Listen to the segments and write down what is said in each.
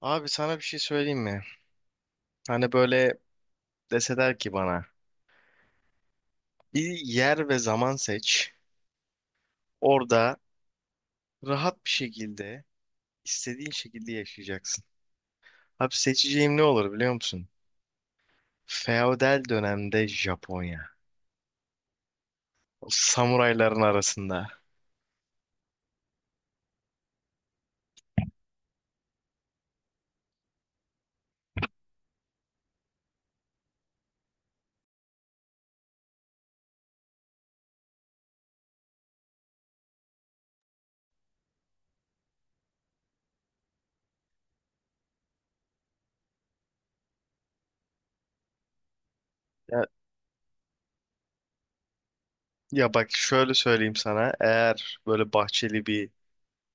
Abi sana bir şey söyleyeyim mi? Hani böyle deseler ki bana bir yer ve zaman seç. Orada rahat bir şekilde istediğin şekilde yaşayacaksın. Abi seçeceğim ne olur biliyor musun? Feodal dönemde Japonya. O samurayların arasında. Ya, ya, bak şöyle söyleyeyim sana. Eğer böyle bahçeli bir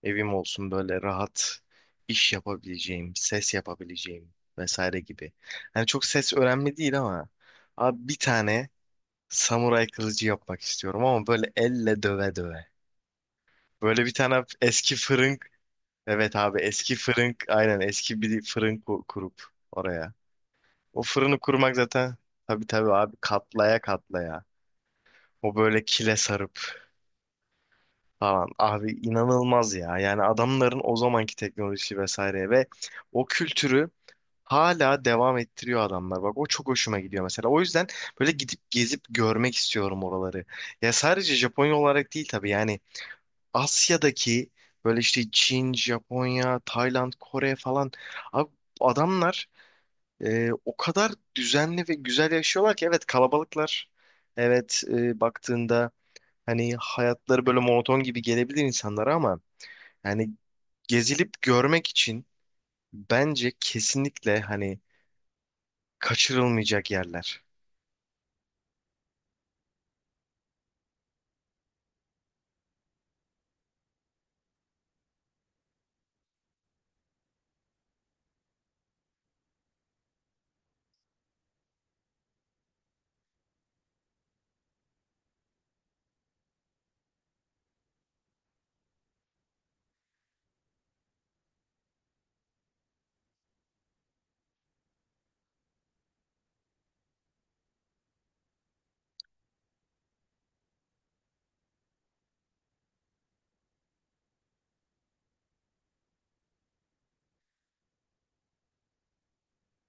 evim olsun böyle rahat iş yapabileceğim, ses yapabileceğim vesaire gibi. Hani çok ses önemli değil ama abi bir tane Samuray kılıcı yapmak istiyorum ama böyle elle döve döve. Böyle bir tane eski fırın, evet abi eski fırın, aynen eski bir fırın kurup oraya. O fırını kurmak zaten tabii tabii abi katlaya katlaya. O böyle kile sarıp falan. Abi inanılmaz ya. Yani adamların o zamanki teknolojisi vesaire ve o kültürü hala devam ettiriyor adamlar. Bak o çok hoşuma gidiyor mesela. O yüzden böyle gidip gezip görmek istiyorum oraları. Ya sadece Japonya olarak değil tabii yani Asya'daki böyle işte Çin, Japonya, Tayland, Kore falan abi adamlar o kadar düzenli ve güzel yaşıyorlar ki evet kalabalıklar. Evet baktığında hani hayatları böyle monoton gibi gelebilir insanlara ama yani gezilip görmek için bence kesinlikle hani kaçırılmayacak yerler.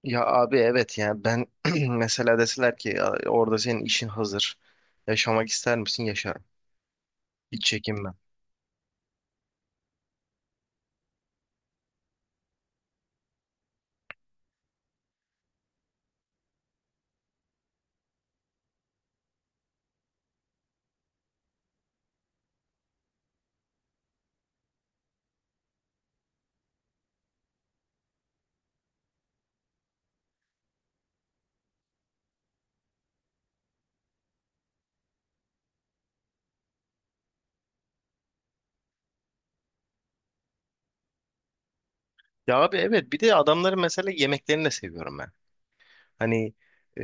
Ya abi evet yani ben mesela deseler ki "Ya orada senin işin hazır. Yaşamak ister misin? Yaşarım. Hiç çekinmem." Ya abi evet bir de adamların mesela yemeklerini de seviyorum ben. Hani e,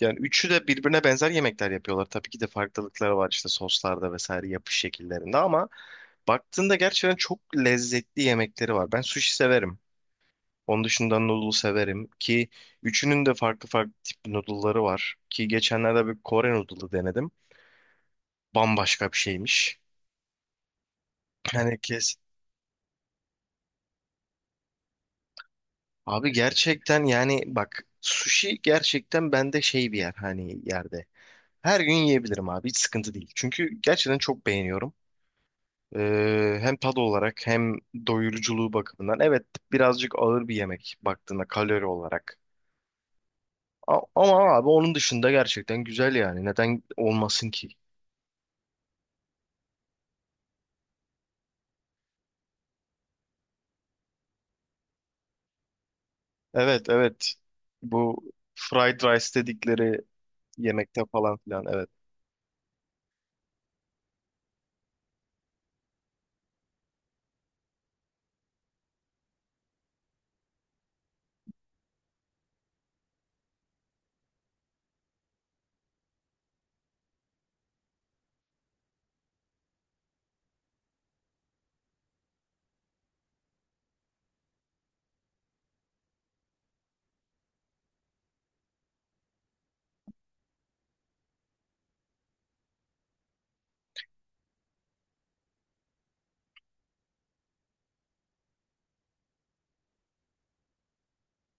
yani üçü de birbirine benzer yemekler yapıyorlar. Tabii ki de farklılıkları var işte soslarda vesaire yapış şekillerinde ama baktığında gerçekten çok lezzetli yemekleri var. Ben sushi severim. Onun dışında noodle severim ki üçünün de farklı farklı tip noodle'ları var. Ki geçenlerde bir Kore noodle'ı denedim. Bambaşka bir şeymiş. Yani kes. Abi gerçekten yani bak sushi gerçekten bende şey bir yer hani yerde. Her gün yiyebilirim abi. Hiç sıkıntı değil. Çünkü gerçekten çok beğeniyorum. Hem tad olarak hem doyuruculuğu bakımından. Evet birazcık ağır bir yemek baktığında kalori olarak. Ama abi onun dışında gerçekten güzel yani. Neden olmasın ki? Evet, evet. Bu fried rice dedikleri yemekte falan filan. Evet.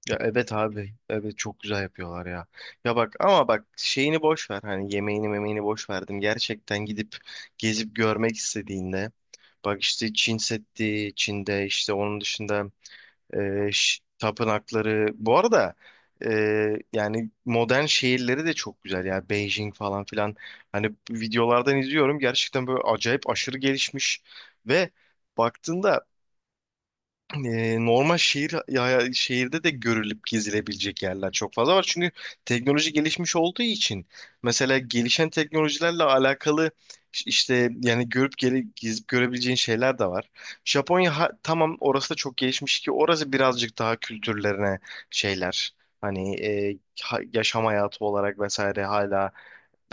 Ya evet abi. Evet çok güzel yapıyorlar ya. Ya bak ama bak şeyini boş ver. Hani yemeğini memeğini boş verdim. Gerçekten gidip gezip görmek istediğinde bak işte Çin Seddi, Çin'de işte onun dışında tapınakları. Bu arada e, yani modern şehirleri de çok güzel. Yani Beijing falan filan. Hani videolardan izliyorum. Gerçekten böyle acayip aşırı gelişmiş ve baktığında normal şehir ya, şehirde de görülüp gezilebilecek yerler çok fazla var. Çünkü teknoloji gelişmiş olduğu için mesela gelişen teknolojilerle alakalı işte yani gezip görebileceğin şeyler de var. Japonya tamam orası da çok gelişmiş ki orası birazcık daha kültürlerine şeyler hani yaşam hayatı olarak vesaire hala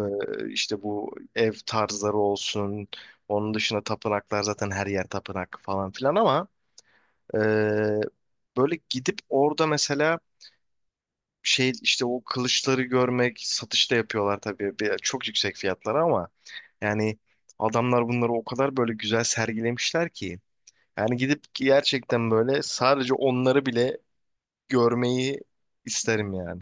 e, işte bu ev tarzları olsun. Onun dışında tapınaklar zaten her yer tapınak falan filan ama ee, böyle gidip orada mesela şey işte o kılıçları görmek satışta yapıyorlar tabii bir, çok yüksek fiyatlara ama yani adamlar bunları o kadar böyle güzel sergilemişler ki yani gidip gerçekten böyle sadece onları bile görmeyi isterim yani.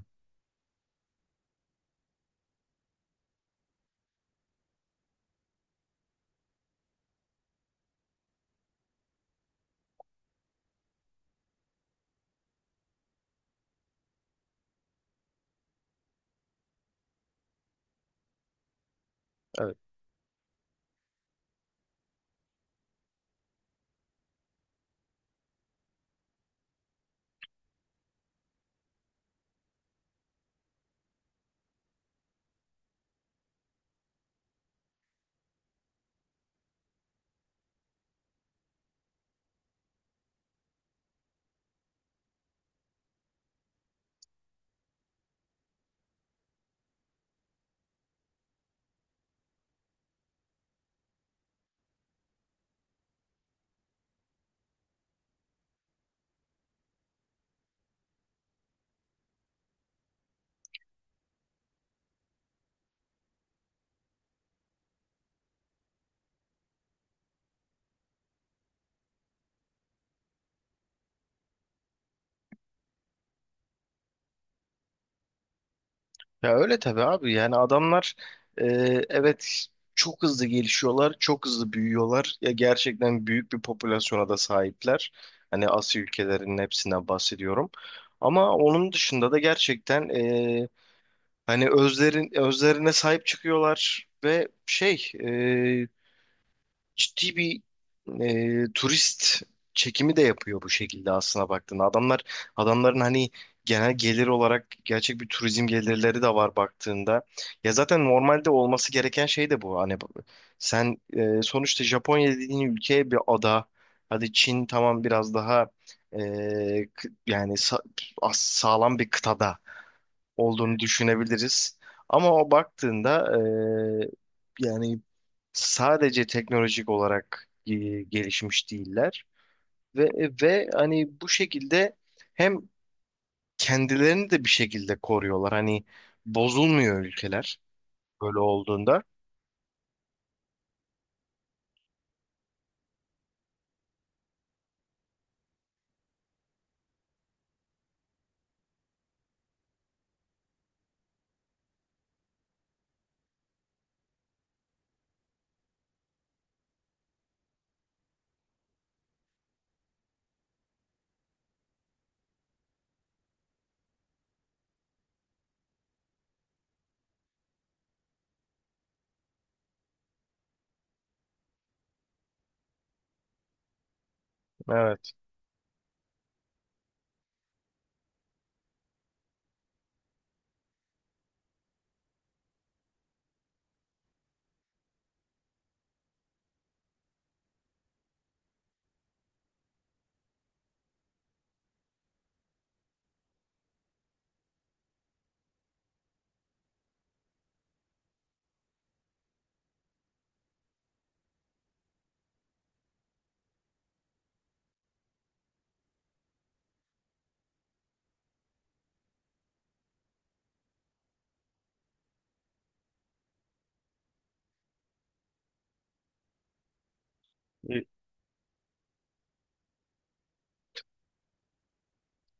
Ya öyle tabii abi yani adamlar e, evet çok hızlı gelişiyorlar, çok hızlı büyüyorlar. Ya gerçekten büyük bir popülasyona da sahipler. Hani Asya ülkelerinin hepsinden bahsediyorum. Ama onun dışında da gerçekten hani özlerin özlerine sahip çıkıyorlar ve şey ciddi bir turist çekimi de yapıyor bu şekilde aslına baktığında. Adamların hani genel gelir olarak gerçek bir turizm gelirleri de var baktığında. Ya zaten normalde olması gereken şey de bu. Hani sen sonuçta Japonya dediğin ülke bir ada. Hadi Çin tamam biraz daha e, kı- yani sa- sağlam bir kıtada olduğunu düşünebiliriz. Ama o baktığında yani sadece teknolojik olarak gelişmiş değiller ve hani bu şekilde hem kendilerini de bir şekilde koruyorlar. Hani bozulmuyor ülkeler böyle olduğunda. Evet.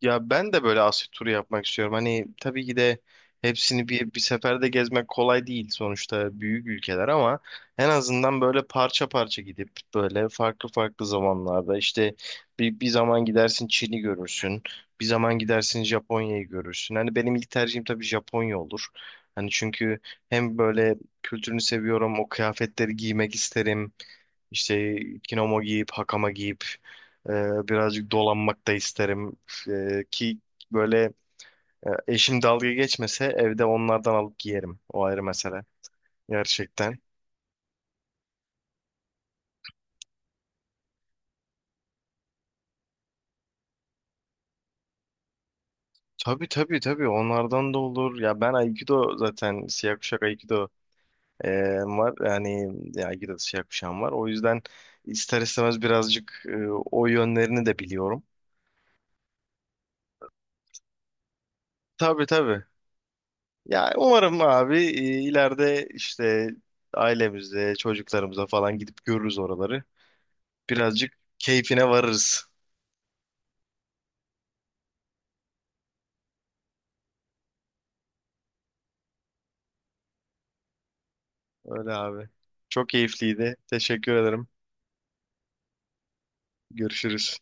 Ya ben de böyle Asya turu yapmak istiyorum. Hani tabii ki de hepsini bir seferde gezmek kolay değil sonuçta büyük ülkeler ama en azından böyle parça parça gidip böyle farklı farklı zamanlarda işte bir zaman gidersin Çin'i görürsün. Bir zaman gidersin Japonya'yı görürsün. Hani benim ilk tercihim tabii Japonya olur. Hani çünkü hem böyle kültürünü seviyorum, o kıyafetleri giymek isterim. İşte kimono giyip, hakama giyip e, birazcık dolanmak da isterim. Ki böyle eşim dalga geçmese evde onlardan alıp giyerim. O ayrı mesele. Gerçekten. Tabii tabii tabii onlardan da olur. Ya ben Aikido zaten siyah kuşak Aikido e, var. Yani ya Aikido'da siyah kuşağım var. O yüzden ister istemez birazcık o yönlerini de biliyorum. Tabii, tabii. Ya umarım abi ileride işte ailemize, çocuklarımıza falan gidip görürüz oraları. Birazcık keyfine varırız. Öyle abi. Çok keyifliydi. Teşekkür ederim. Görüşürüz.